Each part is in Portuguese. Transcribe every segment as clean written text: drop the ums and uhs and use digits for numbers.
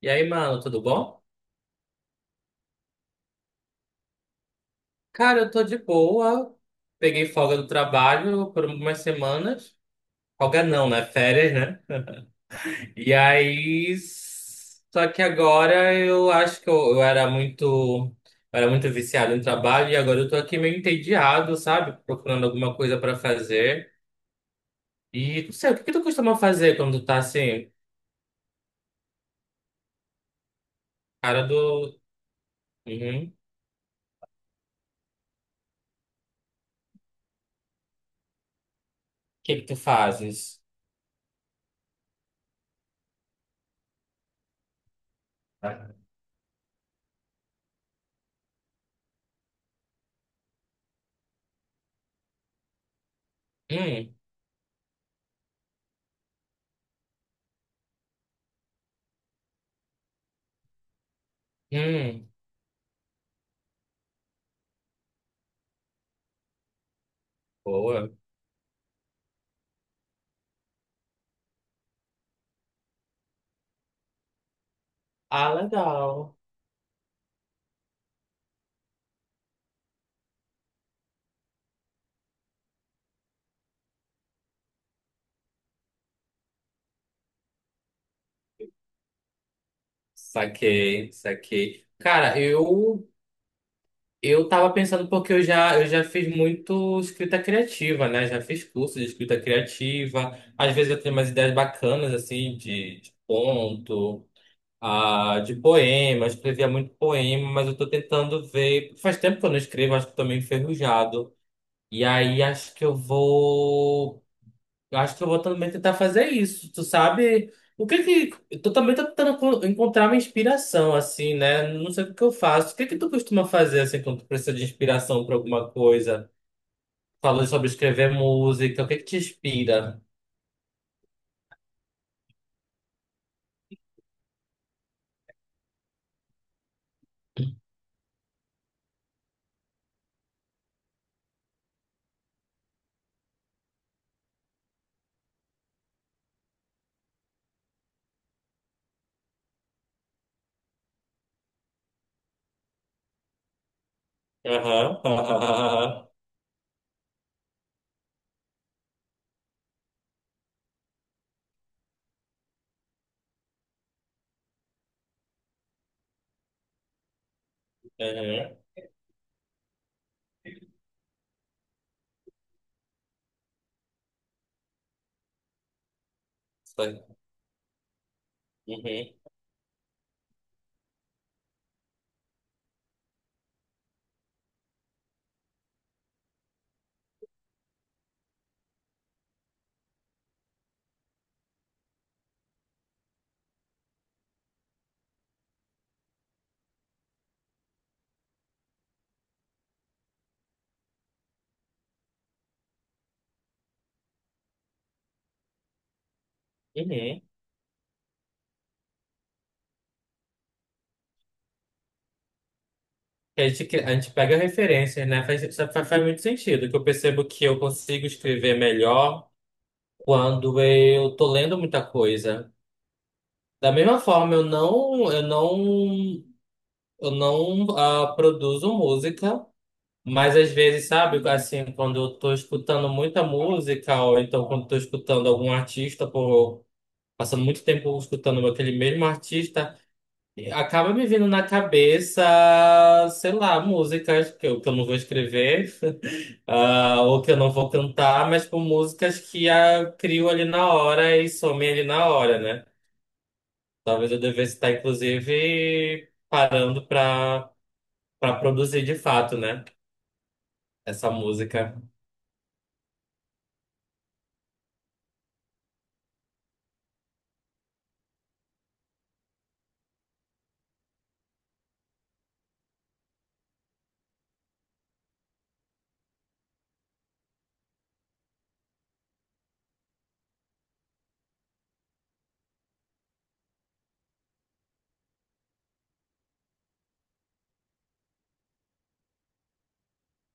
E aí, mano, tudo bom? Cara, eu tô de boa. Peguei folga do trabalho por algumas semanas. Folga não, né? Férias, né? E aí. Só que agora eu acho que eu era muito. Eu era muito viciado em trabalho e agora eu tô aqui meio entediado, sabe? Procurando alguma coisa pra fazer. E não sei, o que que tu costuma fazer quando tu tá assim? Cara do. Uhum. O que que tu fazes? Hum, hum. Boa. Ah, legal. Saquei, saquei. Cara, eu tava pensando porque eu já fiz muito escrita criativa, né? Já fiz curso de escrita criativa. Às vezes eu tenho umas ideias bacanas assim de conto, de poema. Eu escrevia muito poema, mas eu tô tentando ver. Faz tempo que eu não escrevo, acho que tô meio enferrujado. E aí acho que eu vou também tentar fazer isso. Tu sabe? O que que. Tu também tá tentando encontrar uma inspiração, assim, né? Não sei o que que eu faço. O que que tu costuma fazer, assim, quando tu precisa de inspiração pra alguma coisa? Falou sobre escrever música. O que que te inspira? Aham. Aham. Aham. Sei. Uhum. Uhum. A gente, a gente pega referências, né? Faz, isso faz, faz muito sentido, que eu percebo que eu consigo escrever melhor quando eu tô lendo muita coisa. Da mesma forma, eu não produzo música, mas às vezes, sabe, assim, quando eu tô escutando muita música, ou então quando eu tô escutando algum artista, por, passando muito tempo escutando aquele mesmo artista, acaba me vindo na cabeça, sei lá, músicas que eu não vou escrever, ou que eu não vou cantar, mas por músicas que crio ali na hora e somem ali na hora, né? Talvez eu devesse estar, inclusive, parando pra, pra produzir de fato, né? Essa música.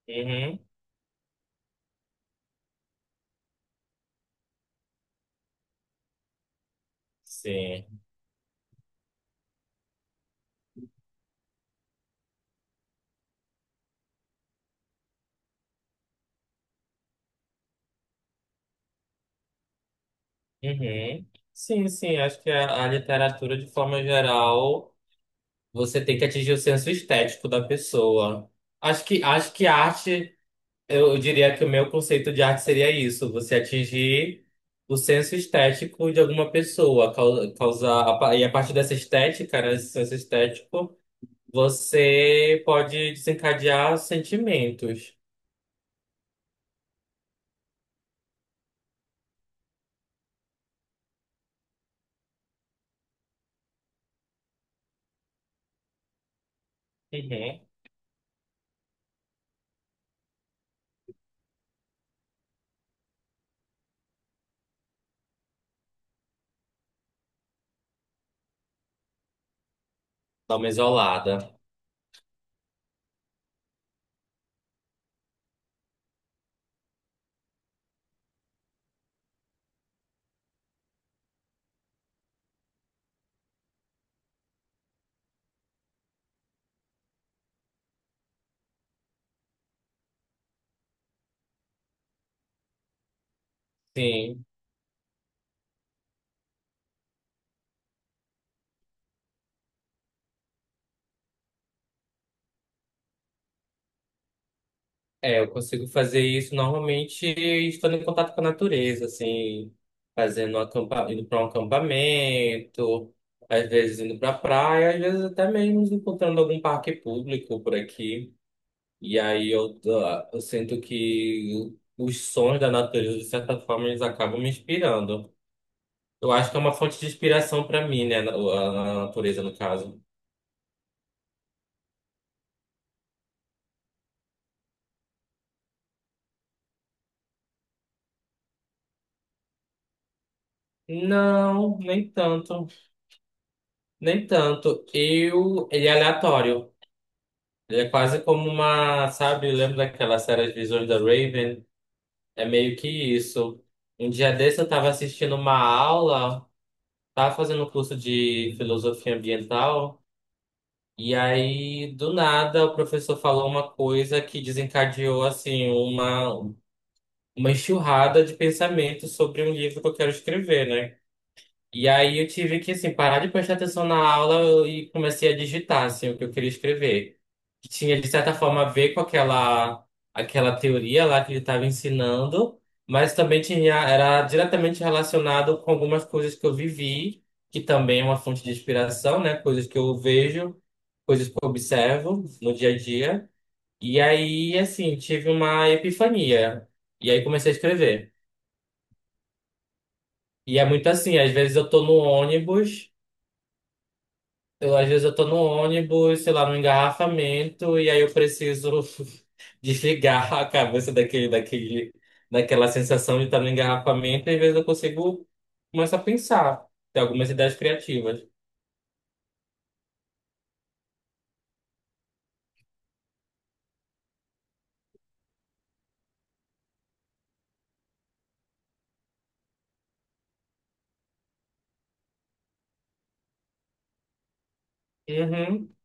Uhum. Sim. Uhum. Sim, sim. Acho que a literatura, de forma geral, você tem que atingir o senso estético da pessoa. Acho que a arte, eu diria que o meu conceito de arte seria isso: você atingir o senso estético de alguma pessoa, causar, e a partir dessa estética, né, esse senso estético. Você pode desencadear sentimentos. Uhum. Dá uma isolada. Sim. É, eu consigo fazer isso normalmente estando em contato com a natureza, assim, fazendo um indo para um acampamento, às vezes indo para praia, às vezes até mesmo encontrando algum parque público por aqui. E aí eu sinto que os sons da natureza, de certa forma, eles acabam me inspirando. Eu acho que é uma fonte de inspiração pra mim, né? A natureza, no caso. Não, nem tanto. Nem tanto. Eu. Ele é aleatório. Ele é quase como uma. Sabe, lembra daquela série As Visões da Raven? É meio que isso. Um dia desse eu tava assistindo uma aula, tava fazendo um curso de filosofia ambiental, e aí, do nada, o professor falou uma coisa que desencadeou, assim, uma enxurrada de pensamentos sobre um livro que eu quero escrever, né? E aí eu tive que, assim, parar de prestar atenção na aula e comecei a digitar, assim, o que eu queria escrever. Que tinha, de certa forma, a ver com aquela teoria lá que ele estava ensinando, mas também tinha, era diretamente relacionado com algumas coisas que eu vivi, que também é uma fonte de inspiração, né? Coisas que eu vejo, coisas que eu observo no dia a dia. E aí, assim, tive uma epifania. E aí comecei a escrever. E é muito assim, às vezes eu tô no ônibus... às vezes eu tô no ônibus, sei lá, no engarrafamento, e aí eu preciso desligar a cabeça daquela sensação de estar no engarrafamento, e às vezes eu consigo começar a pensar, ter algumas ideias criativas. Uhum.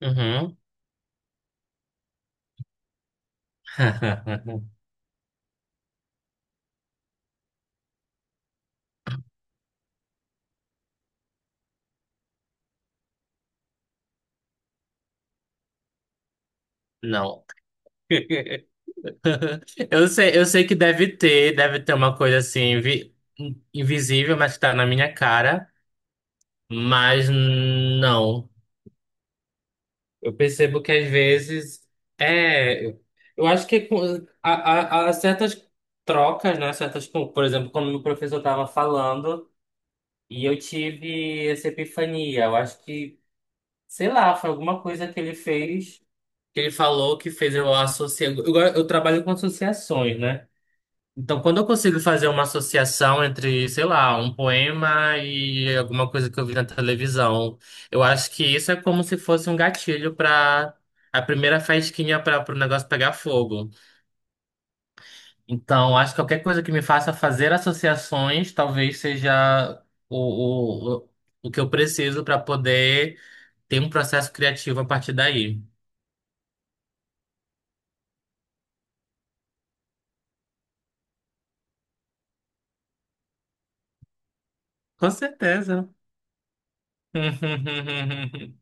Uhum. Não. Eu sei que deve ter uma coisa assim invisível, mas que tá na minha cara, mas não. Eu percebo que às vezes é. Eu acho que há, há certas trocas, né? Certas, por exemplo, como o professor estava falando, e eu tive essa epifania. Eu acho que, sei lá, foi alguma coisa que ele fez, que ele falou que fez eu associar. Eu trabalho com associações, né? Então, quando eu consigo fazer uma associação entre, sei lá, um poema e alguma coisa que eu vi na televisão, eu acho que isso é como se fosse um gatilho para a primeira faísquinha para o negócio pegar fogo. Então, acho que qualquer coisa que me faça fazer associações talvez seja o que eu preciso para poder ter um processo criativo a partir daí. Com certeza.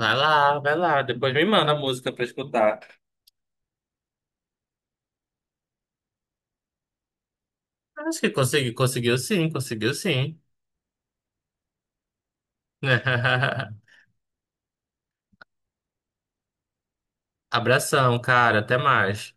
Vai lá, vai lá. Depois me manda a música para escutar. Acho que consegui, conseguiu sim, conseguiu sim. Abração, cara, até mais.